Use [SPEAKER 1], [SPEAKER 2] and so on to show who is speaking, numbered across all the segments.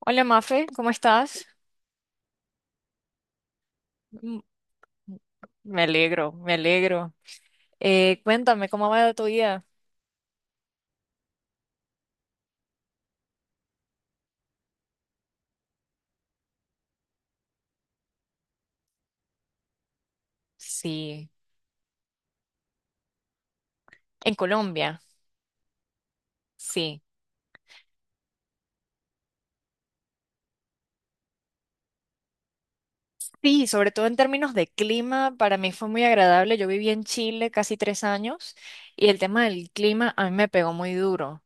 [SPEAKER 1] Hola Mafe, ¿cómo estás? Mm, me alegro, me alegro. Cuéntame, ¿cómo va tu día? Sí, en Colombia, sí. Sí, sobre todo en términos de clima, para mí fue muy agradable. Yo viví en Chile casi tres años y el tema del clima a mí me pegó muy duro.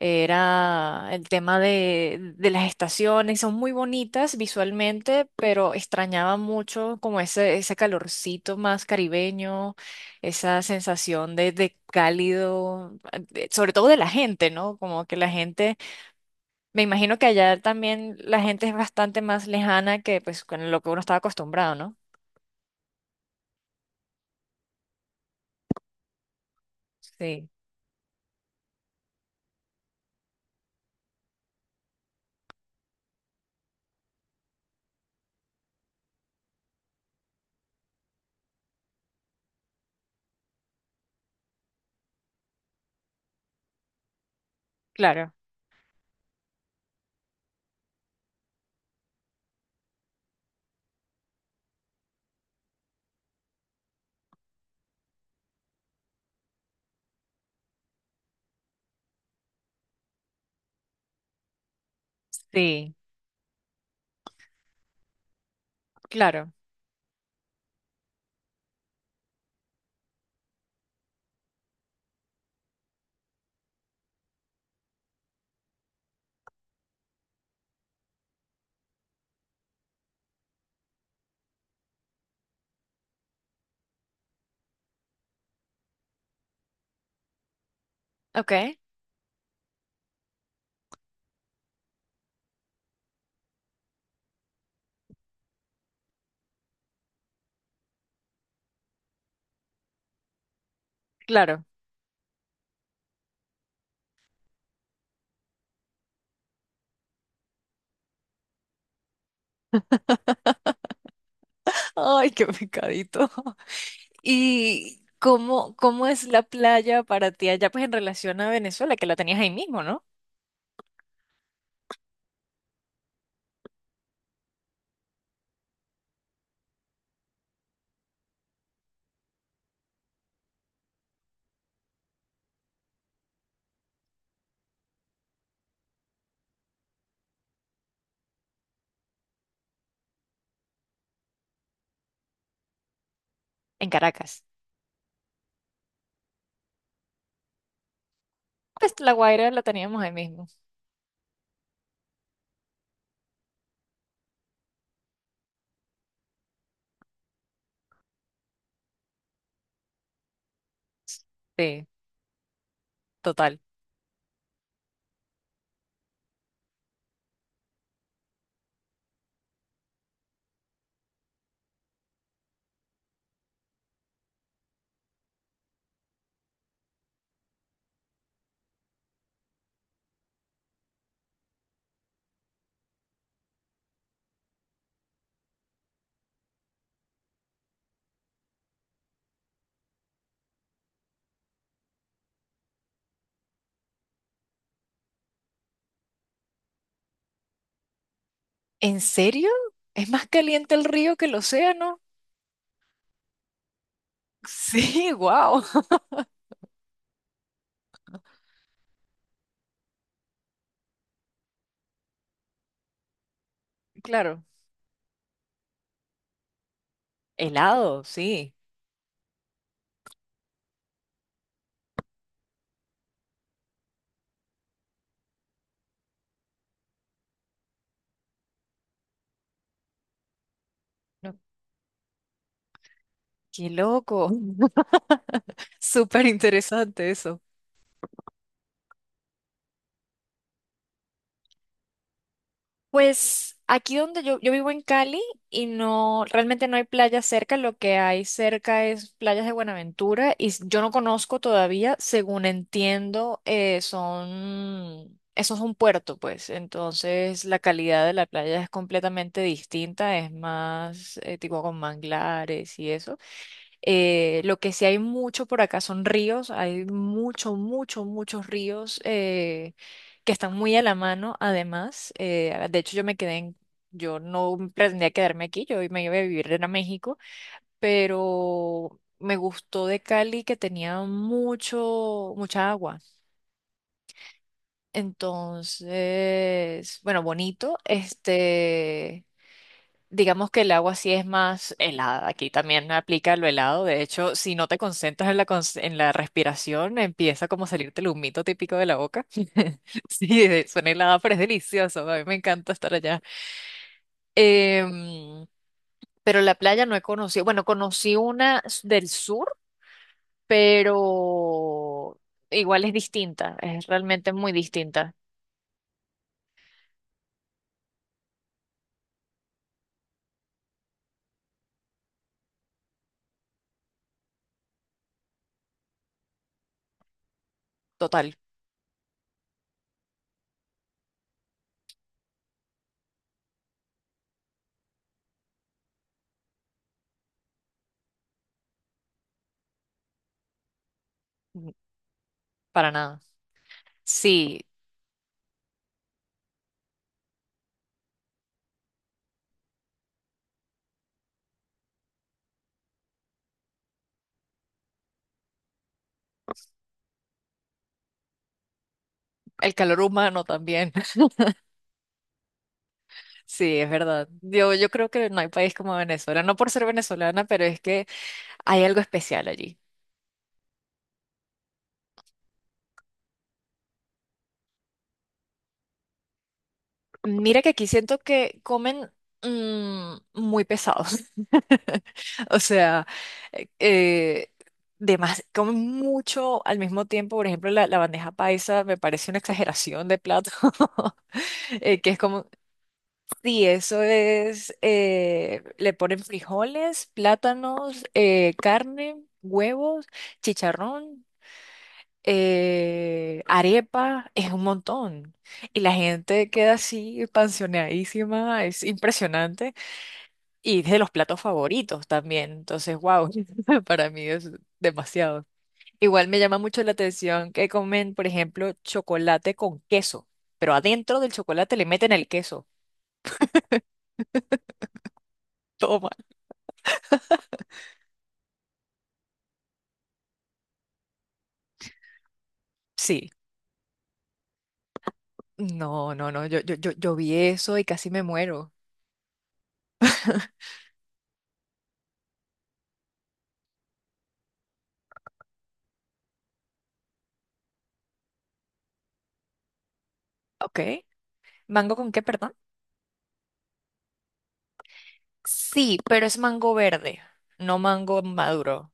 [SPEAKER 1] Era el tema de las estaciones, son muy bonitas visualmente, pero extrañaba mucho como ese calorcito más caribeño, esa sensación de cálido, sobre todo de la gente, ¿no? Como que la gente, me imagino que allá también la gente es bastante más lejana que pues con lo que uno estaba acostumbrado, ¿no? Sí, claro, sí, claro, ok, claro. Ay, qué pecadito. ¿Y cómo, cómo es la playa para ti allá, pues en relación a Venezuela, que la tenías ahí mismo, ¿no? En Caracas. Pues La Guaira la teníamos ahí mismo. Sí, total. ¿En serio? ¿Es más caliente el río que el océano? Sí, wow. Claro. Helado, sí. No, qué loco. Súper interesante eso. Pues aquí donde yo vivo en Cali y no, realmente no hay playa cerca, lo que hay cerca es playas de Buenaventura y yo no conozco todavía, según entiendo, son, eso es un puerto, pues, entonces la calidad de la playa es completamente distinta, es más tipo con manglares y eso. Lo que sí hay mucho por acá son ríos, hay mucho, mucho, muchos ríos que están muy a la mano, además. De hecho, yo me quedé en, yo no pretendía quedarme aquí, yo me iba a vivir en México, pero me gustó de Cali que tenía mucho, mucha agua. Entonces, bueno, bonito, digamos que el agua sí es más helada. Aquí también no aplica lo helado. De hecho, si no te concentras en en la respiración, empieza como a salirte el humito típico de la boca. Sí, suena helada, pero es delicioso. A mí me encanta estar allá. Em, pero la playa no he conocido. Bueno, conocí una del sur, pero igual es distinta. Es realmente muy distinta. Total. Mm, para nada. Sí, el calor humano también. Sí, es verdad. Yo creo que no hay país como Venezuela, no por ser venezolana, pero es que hay algo especial allí. Mira que aquí siento que comen mm, muy pesados. O sea, eh, comen mucho al mismo tiempo. Por ejemplo, la bandeja paisa me parece una exageración de plato. Que es como, sí, eso es, le ponen frijoles, plátanos, carne, huevos, chicharrón. Eh, arepa es un montón. Y la gente queda así panzoneadísima, es impresionante. Y es de los platos favoritos también. Entonces, wow, para mí es demasiado. Igual me llama mucho la atención que comen, por ejemplo, chocolate con queso, pero adentro del chocolate le meten el queso. Toma. Sí. No, no, no, yo vi eso y casi me muero. Ok. ¿Mango con qué, perdón? Sí, pero es mango verde, no mango maduro.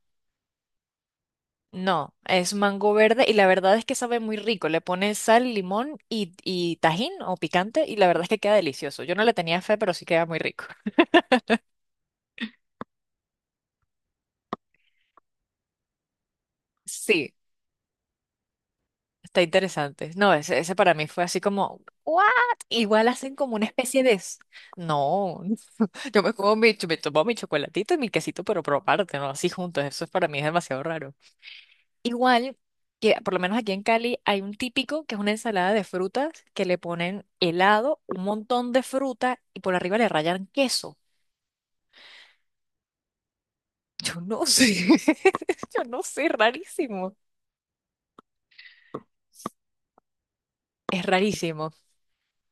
[SPEAKER 1] No, es mango verde y la verdad es que sabe muy rico. Le pones sal, limón y tajín o picante y la verdad es que queda delicioso. Yo no le tenía fe, pero sí queda muy rico. Sí, está interesante. No, ese para mí fue así como, ¿what? Igual hacen como una especie de... No, yo me como me tomo mi chocolatito y mi quesito, pero por aparte, ¿no? Así juntos, eso es para mí es demasiado raro. Igual que por lo menos aquí en Cali hay un típico que es una ensalada de frutas que le ponen helado, un montón de fruta y por arriba le rayan queso. Yo no sé, yo no sé, rarísimo. Es rarísimo.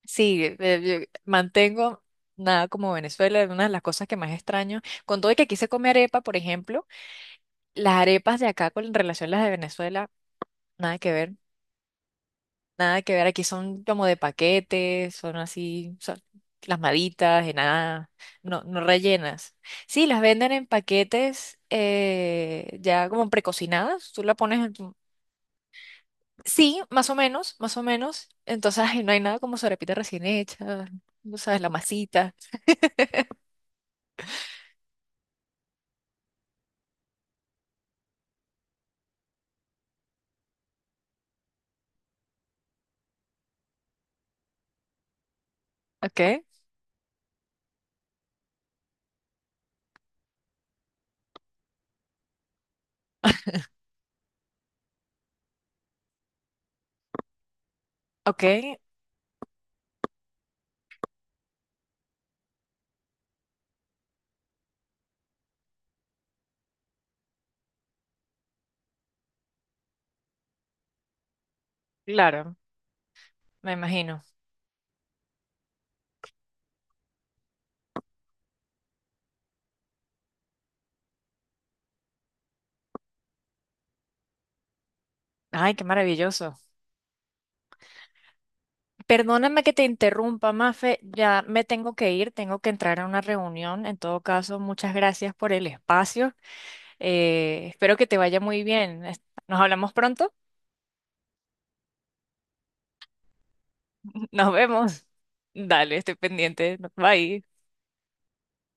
[SPEAKER 1] Sí, yo mantengo nada como Venezuela, es una de las cosas que más extraño. Con todo y que aquí se come arepa, por ejemplo, las arepas de acá con en relación a las de Venezuela, nada que ver. Nada que ver, aquí son como de paquetes, son así, son plasmaditas, en nada, no, no rellenas. Sí, las venden en paquetes ya como precocinadas, tú la pones en tu... Sí, más o menos, más o menos. Entonces, ay, no hay nada como sobrepita recién hecha, no sabes, la masita. Ok, ok, claro, me imagino. Ay, qué maravilloso. Perdóname que te interrumpa, Mafe, ya me tengo que ir, tengo que entrar a una reunión. En todo caso, muchas gracias por el espacio. Espero que te vaya muy bien. Nos hablamos pronto. Nos vemos. Dale, estoy pendiente. Bye.